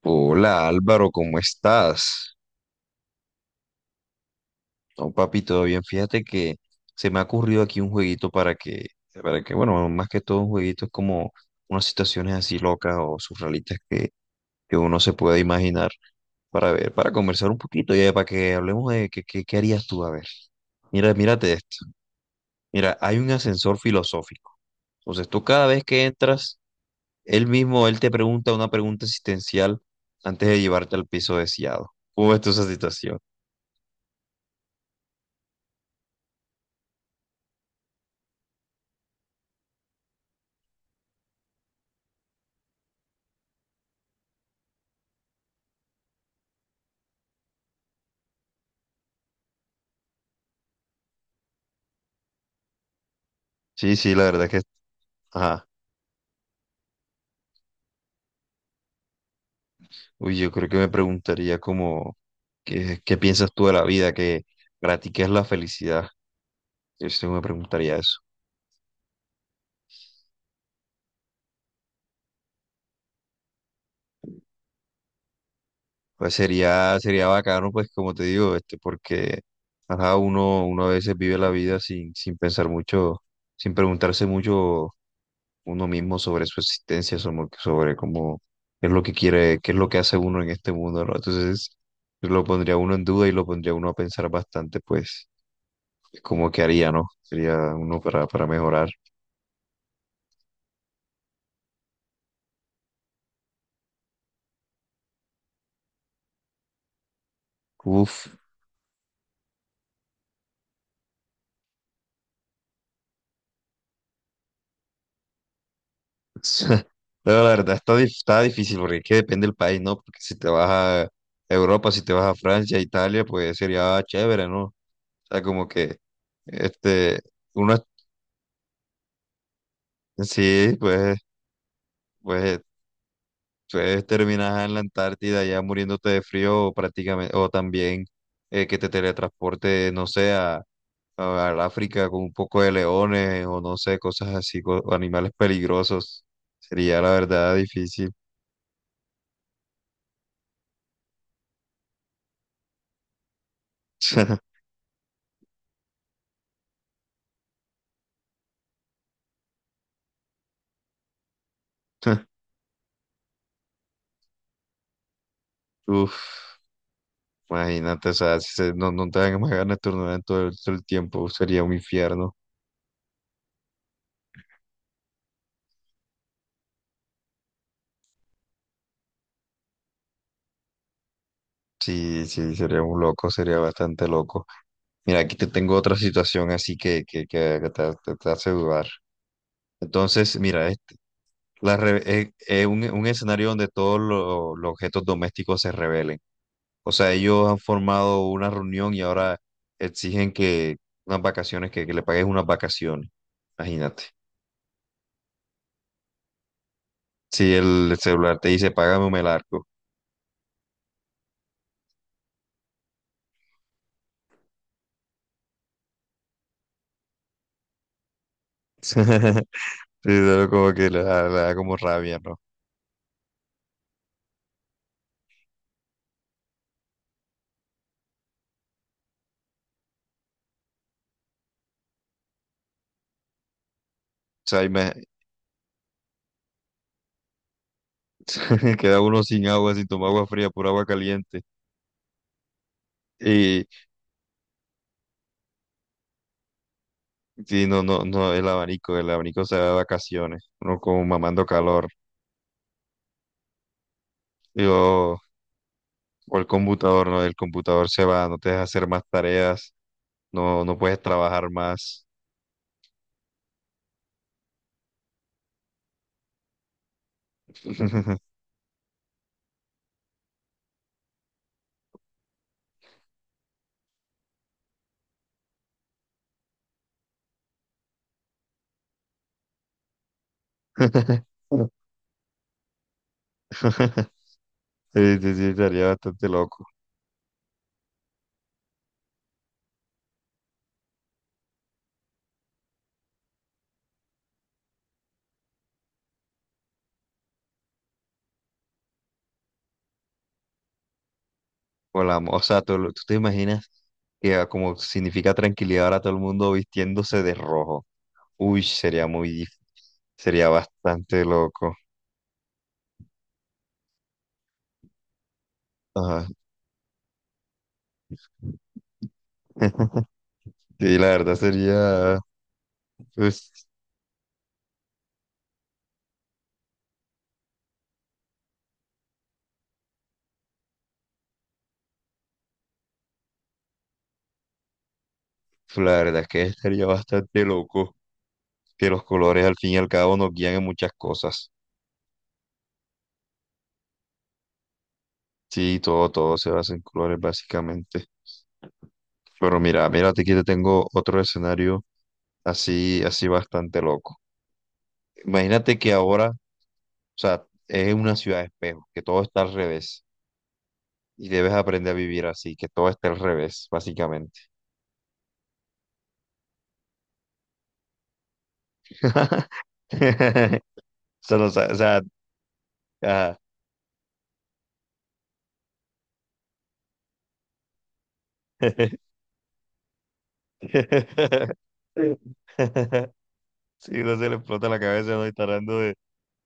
Hola Álvaro, ¿cómo estás? No, papi, todo bien. Fíjate que se me ha ocurrido aquí un jueguito para que más que todo un jueguito es como unas situaciones así locas o surrealistas que uno se pueda imaginar para ver, para conversar un poquito y para que hablemos de qué harías tú, a ver. Mira, mírate esto. Mira, hay un ascensor filosófico. Entonces tú cada vez que entras, él te pregunta una pregunta existencial antes de llevarte al piso deseado. ¿Cómo ves tú esa situación? Sí, sí, la verdad es que, ajá. Uy, yo creo que me preguntaría como, ¿qué piensas tú de la vida?, ¿que para ti qué es la felicidad? Yo sí me preguntaría eso. Pues sería bacano, pues como te digo, este, porque ajá, uno a veces vive la vida sin pensar mucho, sin preguntarse mucho uno mismo sobre su existencia, sobre cómo es lo que quiere, qué es lo que hace uno en este mundo, ¿no? Entonces, yo lo pondría uno en duda y lo pondría uno a pensar bastante, pues. Como que haría, ¿no? Sería uno para mejorar. Uf. Pero la verdad está, está difícil porque es que depende del país, ¿no? Porque si te vas a Europa, si te vas a Francia, Italia, pues sería chévere, ¿no? O sea, como que, este, uno, sí, pues, pues, entonces terminas en la Antártida ya muriéndote de frío prácticamente, o también que te teletransporte, no sé, al África con un poco de leones o no sé, cosas así, o animales peligrosos. Sería la verdad difícil. Uf, imagínate, o sea, no, no te dan más ganas de turnar todo el tiempo, sería un infierno. Sí, sí, sería un loco, sería bastante loco. Mira, aquí te tengo otra situación así que te hace dudar. Entonces, mira, este, un escenario donde los objetos domésticos se rebelen. O sea, ellos han formado una reunión y ahora exigen que unas vacaciones, que le pagues unas vacaciones. Imagínate. Si el celular te dice, págame un melarco. Sí, pero como que le da como rabia, ¿no? O sea, queda uno sin agua, sin tomar agua fría, por agua caliente. Y, no, el abanico se da de vacaciones, uno como mamando calor. Y, o, o el computador, ¿no? El computador se va, no te deja hacer más tareas, no, no puedes trabajar más. Sí, sí, sí, estaría bastante loco. O sea, tú te imaginas que ah, como significa tranquilidad ahora todo el mundo vistiéndose de rojo. Uy, sería muy, sería bastante loco. Ajá. Sí, la verdad sería, pues, la verdad es que estaría bastante loco. Que los colores al fin y al cabo nos guían en muchas cosas. Sí, todo se basa en colores básicamente. Pero mira, mírate que te tengo otro escenario así, así bastante loco. Imagínate que ahora, o sea, es una ciudad de espejo, que todo está al revés y debes aprender a vivir así, que todo esté al revés, básicamente. Solo, o sea, no, o sea, ajá. Sí, no se le explota la cabeza, no, y tratando de,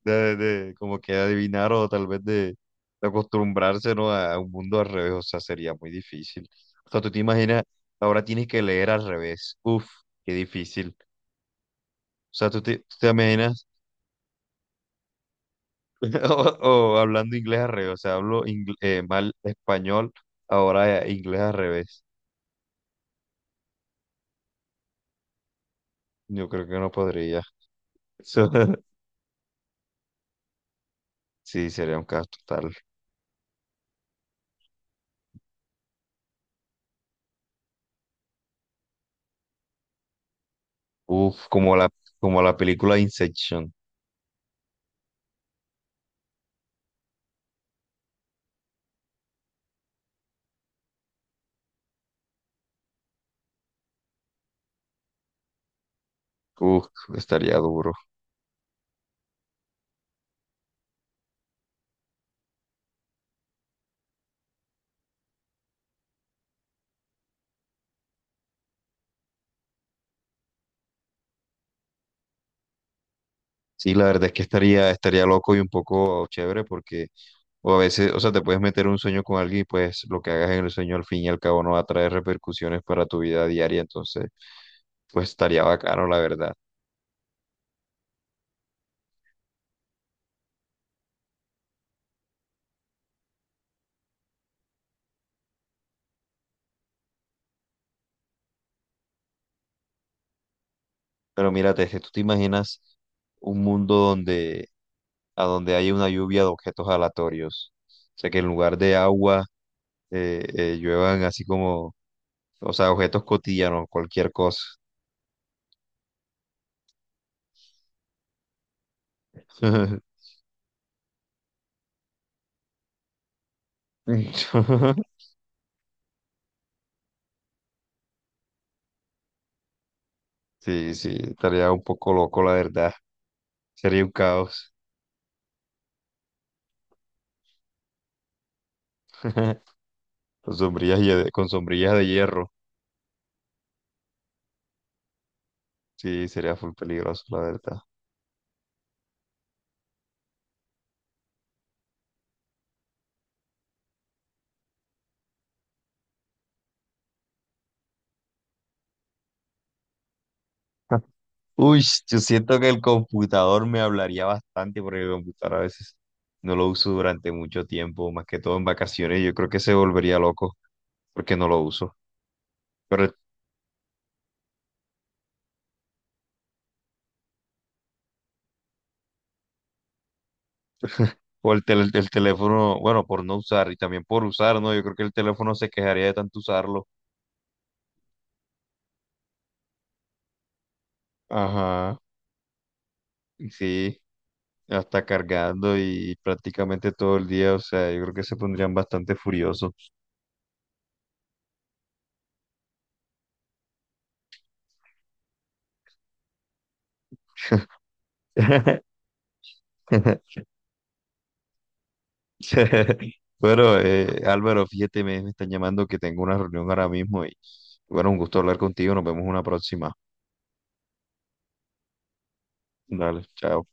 de como que adivinar o tal vez de acostumbrarse, ¿no?, a un mundo al revés, o sea, sería muy difícil. O sea, tú te imaginas, ahora tienes que leer al revés. Uf, qué difícil. O sea, tú te imaginas, o, o hablando inglés al revés, o sea, mal español, ahora inglés al revés. Yo creo que no podría. Eso- Sí, sería un caso total. Uf, como la película Inception. Uf, estaría duro. Sí, la verdad es que estaría, estaría loco y un poco chévere porque, o a veces, o sea, te puedes meter un sueño con alguien y pues lo que hagas en el sueño al fin y al cabo no va a traer repercusiones para tu vida diaria, entonces, pues estaría bacano, la verdad. Pero mírate, es que tú te imaginas un mundo donde, a donde haya una lluvia de objetos aleatorios, o sea, que en lugar de agua lluevan así como, o sea, objetos cotidianos, cualquier cosa. Sí, sí, estaría un poco loco, la verdad. Sería un caos. Con sombrillas, con sombrillas de hierro. Sí, sería full peligroso, la verdad. Uy, yo siento que el computador me hablaría bastante porque el computador a veces no lo uso durante mucho tiempo, más que todo en vacaciones. Yo creo que se volvería loco porque no lo uso. Pero el, el teléfono, bueno, por no usar y también por usar, ¿no? Yo creo que el teléfono se quejaría de tanto usarlo. Ajá. Sí. Hasta cargando y prácticamente todo el día, o sea, yo creo que se pondrían bastante furiosos. Bueno, Álvaro, fíjate, me están llamando que tengo una reunión ahora mismo y bueno, un gusto hablar contigo, nos vemos una próxima. Dale, chao.